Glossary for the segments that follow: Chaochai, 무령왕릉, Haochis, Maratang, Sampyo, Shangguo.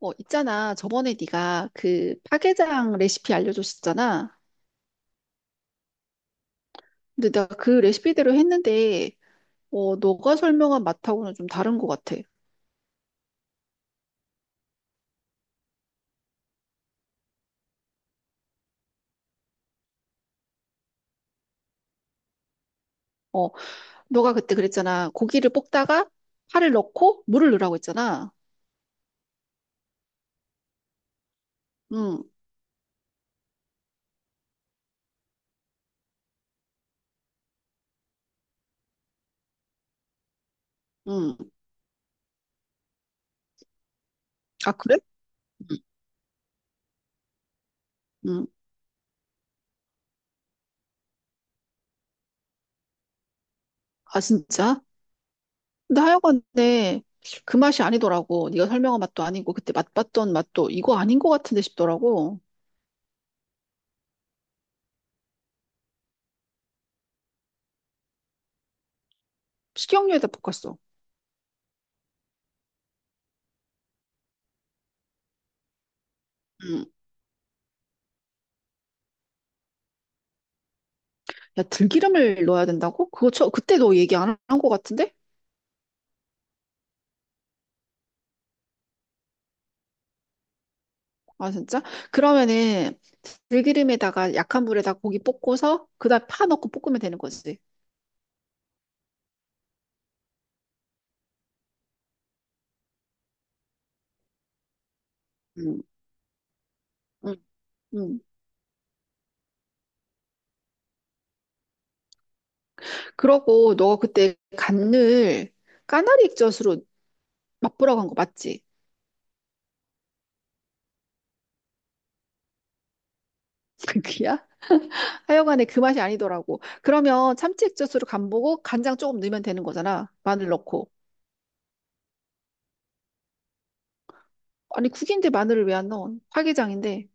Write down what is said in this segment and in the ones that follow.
있잖아. 저번에 네가 그 파게장 레시피 알려줬었잖아. 근데 내가 그 레시피대로 했는데, 너가 설명한 맛하고는 좀 다른 것 같아. 어, 너가 그때 그랬잖아. 고기를 볶다가 파를 넣고 물을 넣으라고 했잖아. 응, 응. 아, 그래? 응, 응. 아, 진짜? 근데 하여간에 그 맛이 아니더라고. 네가 설명한 맛도 아니고 그때 맛봤던 맛도 이거 아닌 것 같은데 싶더라고. 식용유에다 볶았어. 응. 야, 들기름을 넣어야 된다고? 그거 저, 그때 너 얘기 안 한 것 같은데? 아, 진짜? 그러면은 들기름에다가 약한 불에다 고기 볶고서 그다음 파 넣고 볶으면 되는 거지. 음, 음, 음. 그러고 너가 그때 간을 까나리 액젓으로 맛보라고 한 거 맞지? 그게야? 하여간에 그 맛이 아니더라고. 그러면 참치 액젓으로 간 보고 간장 조금 넣으면 되는 거잖아. 마늘 넣고. 아니, 국인데 마늘을 왜 안 넣어? 활기장인데.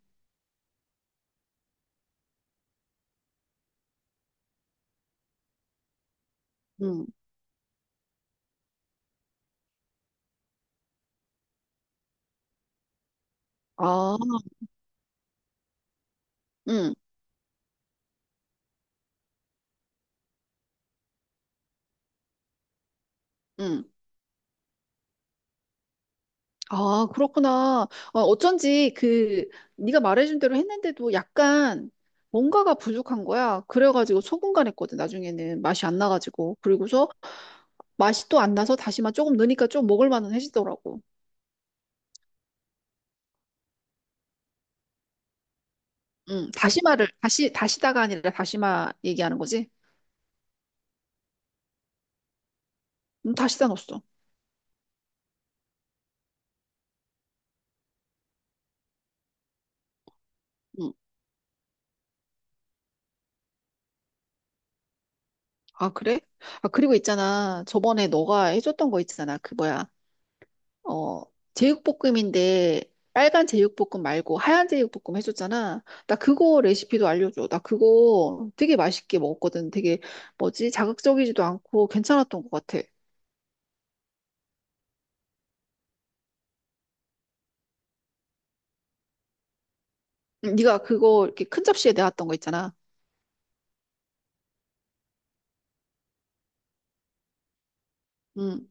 음. 아, 응, 응. 아, 그렇구나. 어쩐지 그 네가 말해준 대로 했는데도 약간 뭔가가 부족한 거야. 그래가지고 소금간했거든. 나중에는 맛이 안 나가지고 그리고서 맛이 또 안 나서 다시마 조금 넣으니까 좀 먹을 만은 해지더라고. 응, 다시마를 다시, 다시다가 아니라 다시마 얘기하는 거지? 응, 다시다 넣었어. 응. 아, 그래? 아, 그리고 있잖아. 저번에 너가 해줬던 거 있잖아. 그 뭐야? 어, 제육볶음인데 빨간 제육볶음 말고 하얀 제육볶음 해줬잖아. 나 그거 레시피도 알려줘. 나 그거 되게 맛있게 먹었거든. 되게 뭐지? 자극적이지도 않고 괜찮았던 것 같아. 응, 네가 그거 이렇게 큰 접시에 내놨던 거 있잖아. 응,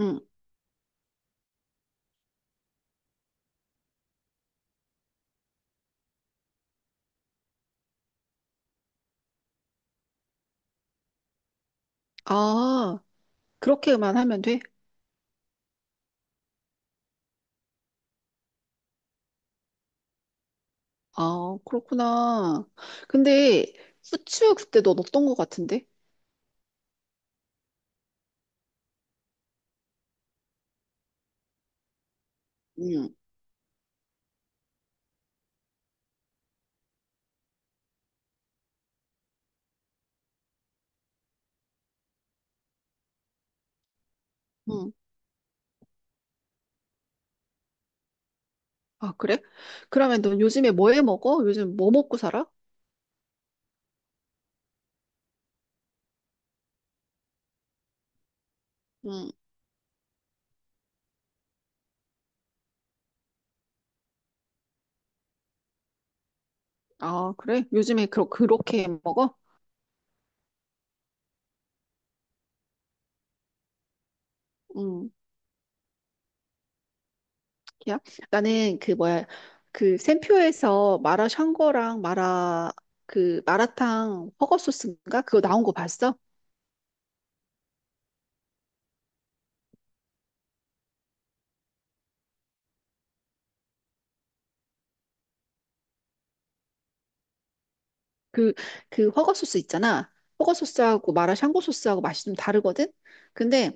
응. 아, 그렇게만 하면 돼? 아, 그렇구나. 근데 후추 그때 너 넣었던 것 같은데? 응, 응. 아, 그래? 그러면 넌 요즘에 뭐해 먹어? 요즘 뭐 먹고 살아? 음. 아, 그래? 요즘에 그렇게 먹어? 응, 야. 나는 그 뭐야, 그 샘표에서 마라 샹궈랑 마라, 그 마라탕 허거 소스인가? 그거 나온 거 봤어? 그, 그 허거 소스 있잖아. 허거 소스하고 마라 샹궈 소스하고 맛이 좀 다르거든? 근데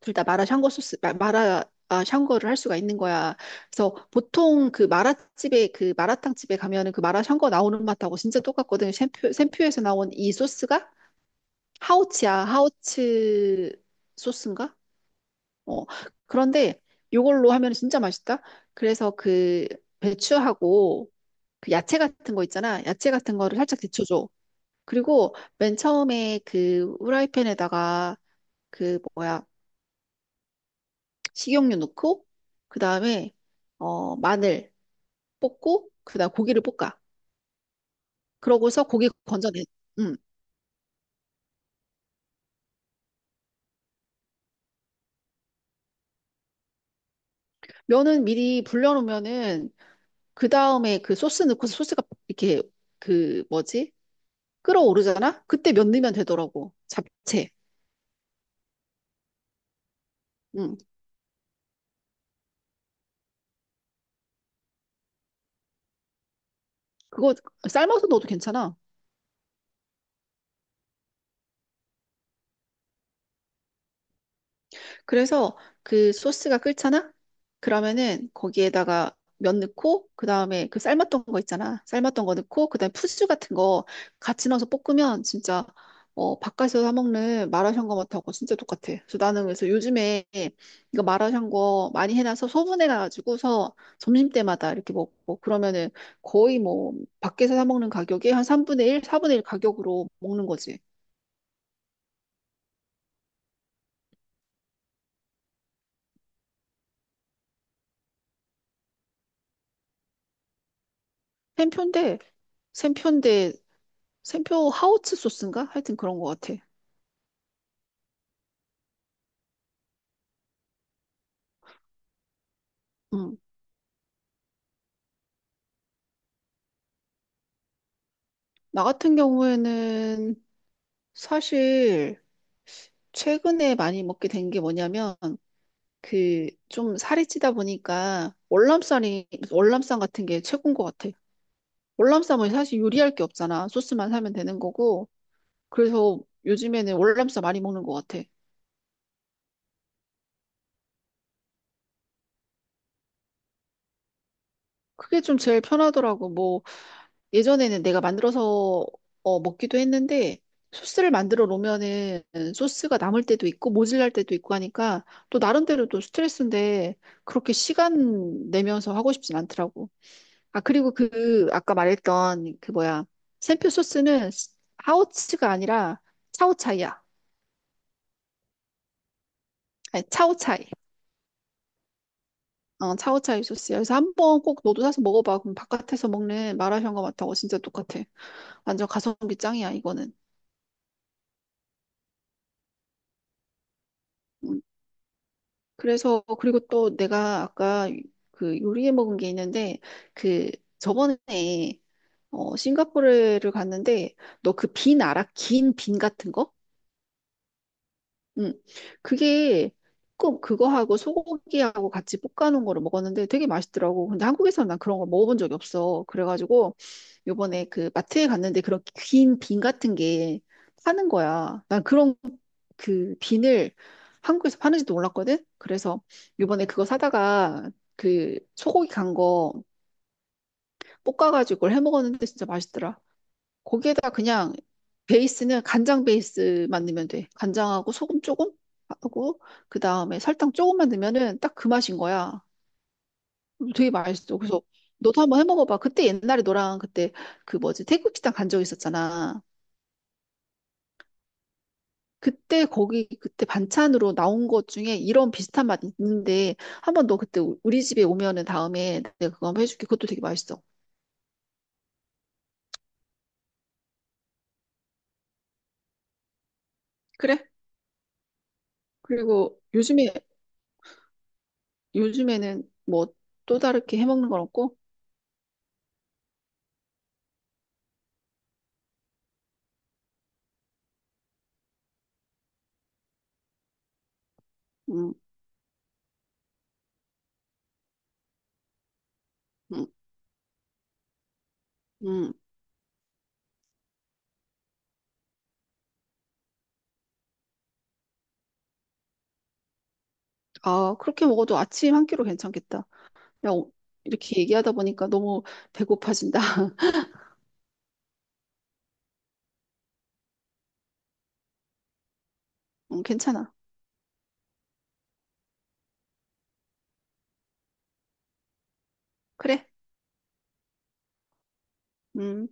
둘 다 마라 샹궈 소스, 마라, 아, 샹궈를 할 수가 있는 거야. 그래서 보통 그 마라탕 집에 가면은 그 마라 샹궈 나오는 맛하고 진짜 똑같거든. 샘표에서 나온 이 소스가? 하우츠야, 하우츠 소스인가? 어, 그런데 이걸로 하면 진짜 맛있다. 그래서 그 배추하고 그 야채 같은 거 있잖아. 야채 같은 거를 살짝 데쳐줘. 그리고 맨 처음에 그 후라이팬에다가 그 뭐야, 식용유 넣고, 그 다음에 마늘 볶고, 그 다음 고기를 볶아. 그러고서 고기 건져내. 음. 면은 미리 불려놓으면은 그 다음에 그 소스 넣고서 소스가 이렇게 그 뭐지? 끓어오르잖아? 그때 면 넣으면 되더라고. 잡채. 응. 그거 삶아서 넣어도 괜찮아. 그래서 그 소스가 끓잖아? 그러면은 거기에다가 면 넣고 그다음에 그 삶았던 거 있잖아. 삶았던 거 넣고 그다음에 푸즈 같은 거 같이 넣어서 볶으면 진짜 바깥에서 사 먹는 마라샹궈맛하고 진짜 똑같아. 그래서 요즘에 이거 마라샹궈 많이 해놔서 소분해 가지고서 점심때마다 이렇게 먹고 그러면은 거의 뭐 밖에서 사 먹는 가격의 한 3분의 1, 4분의 1 가격으로 먹는 거지. 샘표인데 샘표 하우츠 소스인가? 하여튼 그런 것 같아. 음. 나 같은 경우에는 사실 최근에 많이 먹게 된 게 뭐냐면 그 좀 살이 찌다 보니까 월남쌈 같은 게 최고인 것 같아. 월남쌈은 사실 요리할 게 없잖아. 소스만 사면 되는 거고. 그래서 요즘에는 월남쌈 많이 먹는 것 같아. 그게 좀 제일 편하더라고. 뭐 예전에는 내가 만들어서 먹기도 했는데 소스를 만들어 놓으면은 소스가 남을 때도 있고 모질랄 때도 있고 하니까 또 나름대로 또 스트레스인데 그렇게 시간 내면서 하고 싶진 않더라고. 아, 그리고 그 아까 말했던 그 뭐야 샘표 소스는 하오츠가 아니라 차오차이야. 아니, 차오차이. 어, 차오차이 소스야. 그래서 한번 꼭 너도 사서 먹어봐. 그럼 바깥에서 먹는 마라샹궈 맛하고 진짜 똑같아. 완전 가성비 짱이야, 이거는. 음. 그래서 그리고 또 내가 아까 그 요리해 먹은 게 있는데 그 저번에 싱가포르를 갔는데 너 그 빈 알아? 긴 빈 같은 거? 응. 그게 꼭 그거하고 소고기하고 같이 볶아놓은 거를 먹었는데 되게 맛있더라고. 근데 한국에서는 난 그런 거 먹어본 적이 없어. 그래가지고 요번에 그 마트에 갔는데 그런 긴 빈 같은 게 파는 거야. 난 그런 그 비늘 한국에서 파는지도 몰랐거든? 그래서 이번에 그거 사다가 그 소고기 간 거 볶아가지고 그걸 해 먹었는데 진짜 맛있더라. 거기에다 그냥 베이스는 간장 베이스만 넣으면 돼. 간장하고 소금 조금 하고 그 다음에 설탕 조금만 넣으면은 딱 그 맛인 거야. 되게 맛있어. 그래서 너도 한번 해 먹어봐. 그때 옛날에 너랑 그때 그 뭐지 태국 식당 간 적 있었잖아. 그때 거기 그때 반찬으로 나온 것 중에 이런 비슷한 맛 있는데 한번 너 그때 우리 집에 오면은 다음에 내가 그거 한번 해줄게. 그것도 되게 맛있어. 그래? 그리고 요즘에 요즘에는 뭐 또 다르게 해 먹는 건 없고 음, 음, 음. 아, 그렇게 먹어도 아침 한 끼로 괜찮겠다. 야, 이렇게 얘기하다 보니까 너무 배고파진다. 괜찮아. 그래. 음.